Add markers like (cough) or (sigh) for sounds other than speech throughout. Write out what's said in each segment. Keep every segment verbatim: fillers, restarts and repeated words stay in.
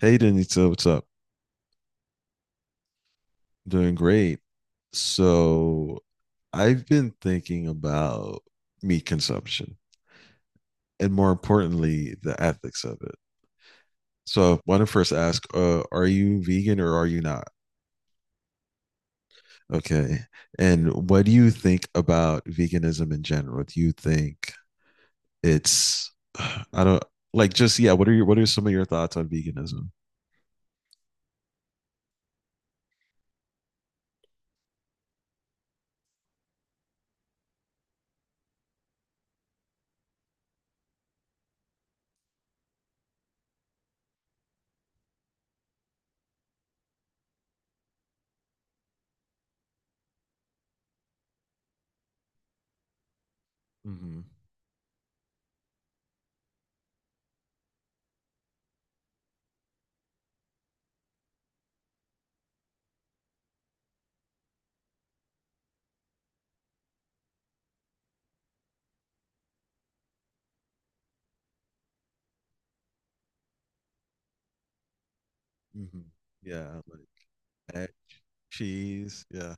Hey, Denita, what's up? Doing great. So, I've been thinking about meat consumption and more importantly, the ethics of it. So, I want to first ask, uh, are you vegan or are you not? Okay. And what do you think about veganism in general? Do you think it's, (sighs) I don't like just, yeah, what are your, what are some of your thoughts on veganism? Hmm. Hmm. Yeah, like egg, cheese. Yeah.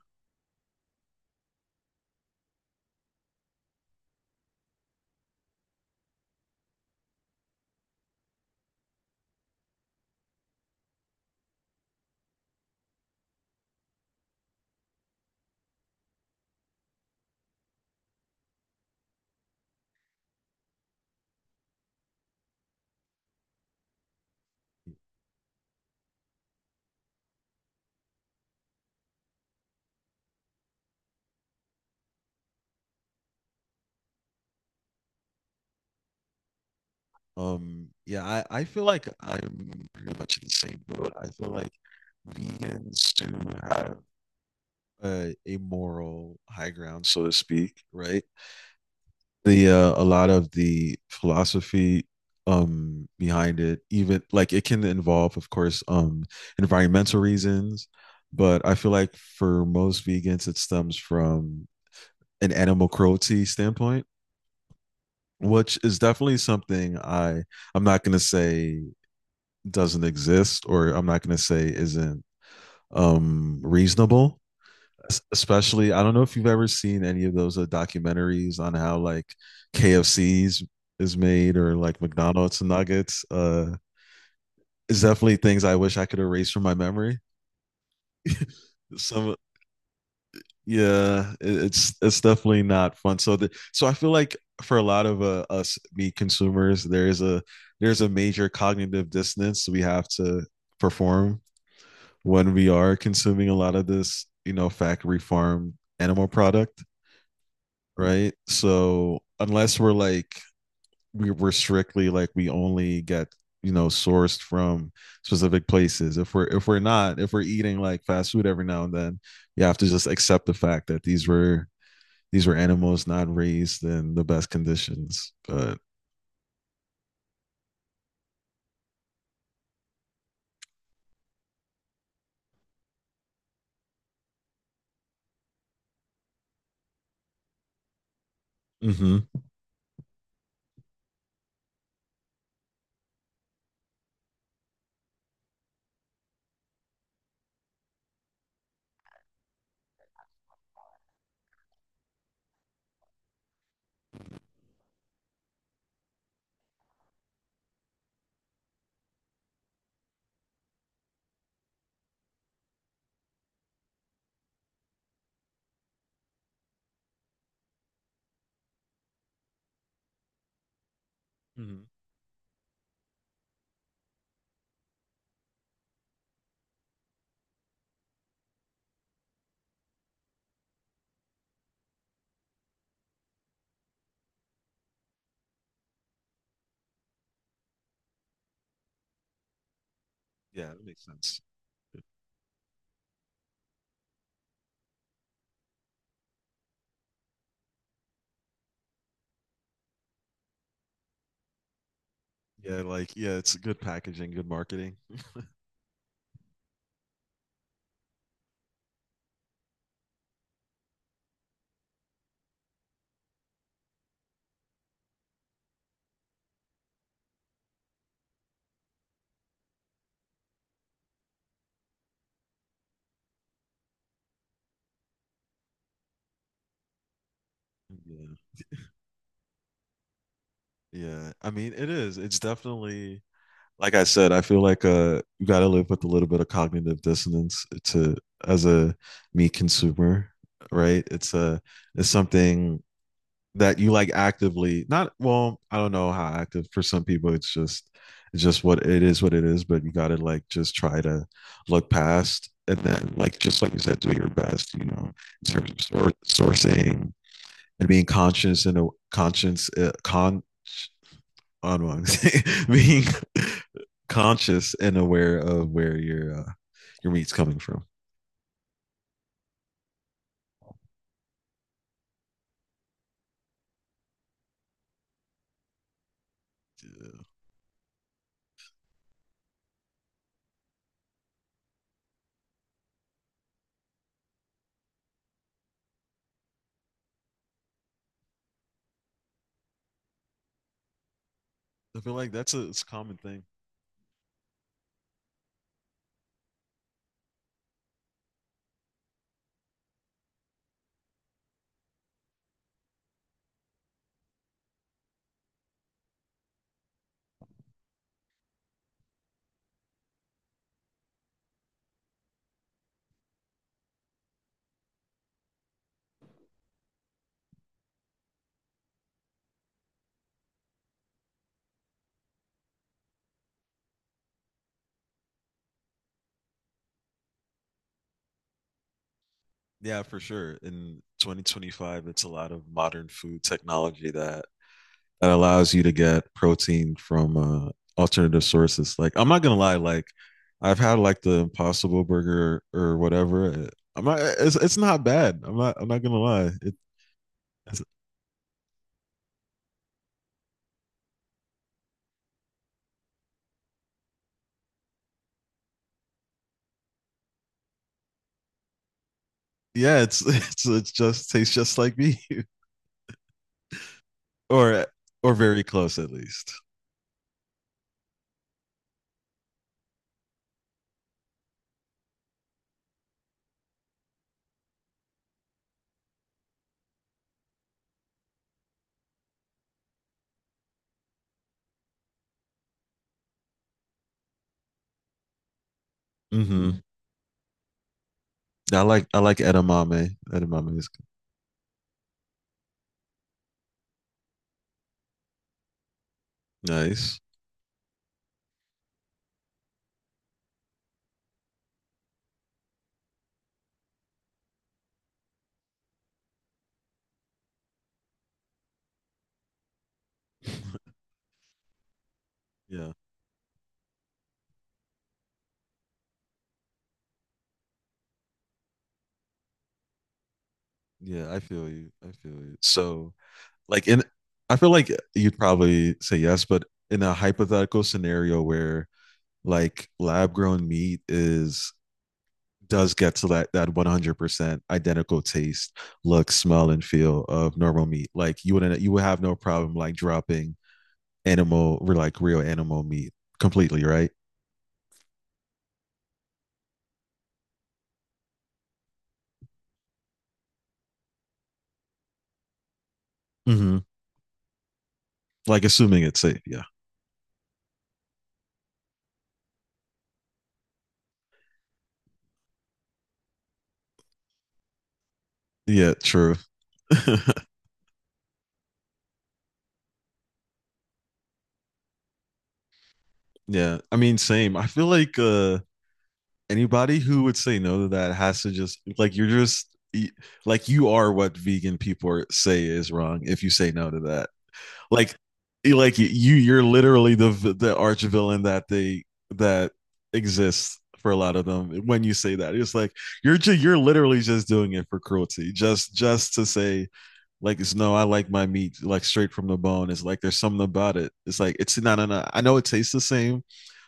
Um, yeah, I, I feel like I'm pretty much in the same boat. I feel like vegans do have a, a moral high ground, so to speak, right? the uh, A lot of the philosophy um behind it, even like it can involve, of course, um environmental reasons, but I feel like for most vegans it stems from an animal cruelty standpoint, which is definitely something i i'm not going to say doesn't exist, or I'm not going to say isn't um reasonable. Especially, I don't know if you've ever seen any of those uh, documentaries on how like K F C's is made or like McDonald's nuggets. Uh, it's definitely things I wish I could erase from my memory. Some Yeah, it- it's it's definitely not fun. So the, so I feel like for a lot of uh, us meat consumers, there is a there's a major cognitive dissonance we have to perform when we are consuming a lot of this, you know, factory farm animal product, right? So unless we're like we we're strictly, like, we only get you know sourced from specific places. If we're if we're not, if we're eating like fast food every now and then, you have to just accept the fact that these were these were animals not raised in the best conditions. But. Mm-hmm. Mm-hmm. Yeah, that makes sense. Yeah, like yeah, it's good packaging, good marketing. Yeah, yeah. I mean, it is. It's definitely, like I said, I feel like uh you gotta live with a little bit of cognitive dissonance to, as a meat consumer, right? It's a it's something that you, like, actively not, well, I don't know how active, for some people it's just it's just what it is what it is, but you gotta like just try to look past, and then like just like you said, do your best, you know, in terms of sourcing, and being conscious, and a conscience uh, con on (laughs) being conscious and aware of where your uh, your meat's coming from. Yeah. I feel like that's a, it's a common thing. Yeah, for sure. In twenty twenty-five, it's a lot of modern food technology that that allows you to get protein from uh, alternative sources. Like, I'm not gonna lie, like I've had like the Impossible Burger or or whatever. I'm not. It's it's not bad. I'm not. I'm not gonna lie. It, it's, yeah, it's (laughs) it's it just tastes just like me. (laughs) or or very close, at least. Mm-hmm. I like I like edamame. Edamame is nice. Yeah, yeah. I feel you. I feel you. So like in, I feel like you'd probably say yes, but in a hypothetical scenario where, like, lab grown meat is does get to that that one hundred percent identical taste, look, smell, and feel of normal meat. Like, you wouldn't, you would have no problem like dropping animal, or like real animal meat, completely, right? Mm-hmm. Like, assuming it's safe. Yeah. Yeah, true. (laughs) Yeah. I mean, same. I feel like uh anybody who would say no to that has to just like you're just y- like, you are what vegan people are, say is wrong if you say no to that. Like y- like y- you you're literally the v- the arch villain that they that exists for a lot of them when you say that. It's like you're ju- you're literally just doing it for cruelty. Just just to say, like, it's no, I like my meat like straight from the bone. It's like there's something about it. It's like it's no, no, no. I know it tastes the same,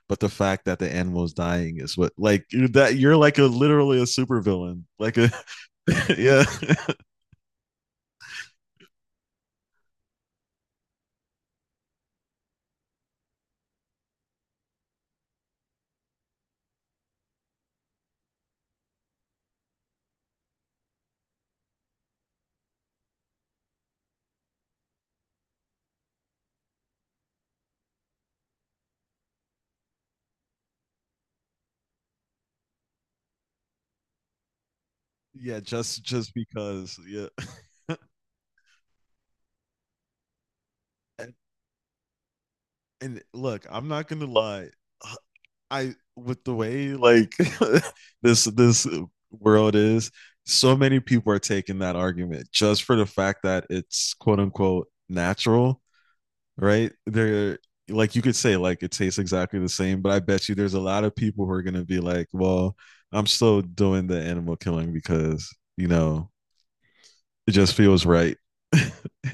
but the fact that the animal is dying is what, like, that you're like a literally a supervillain. Like a (laughs) yeah, (laughs) yeah. Just just because, yeah. And, and look, I'm not gonna lie. I, with the way like (laughs) this this world is, so many people are taking that argument just for the fact that it's quote unquote natural, right? They're like, you could say like it tastes exactly the same, but I bet you there's a lot of people who are gonna be like, well, I'm still doing the animal killing because you know it just feels right. (laughs)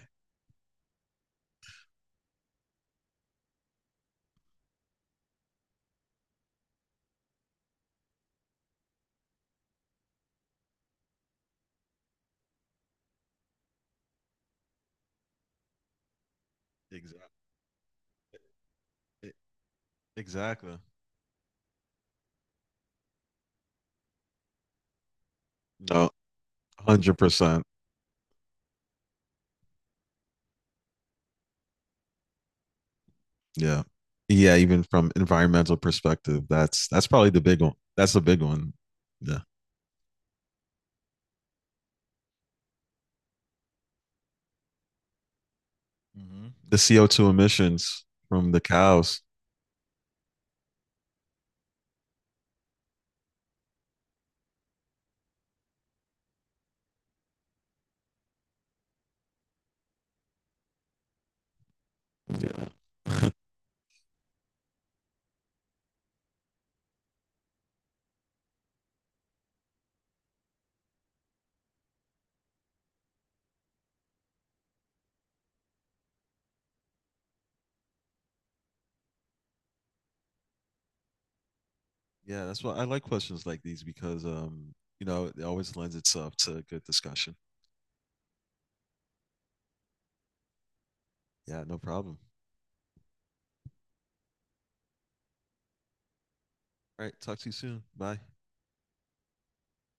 Exactly. Exactly. No, one hundred percent. Yeah. Yeah, even from environmental perspective, that's that's probably the big one. That's the big one. Yeah. Mm-hmm. The C O two emissions from the cows. Yeah. (laughs) Yeah, that's why I like questions like these, because um, you know, it always lends itself to good discussion. Yeah, no problem. All right, talk to you soon. Bye.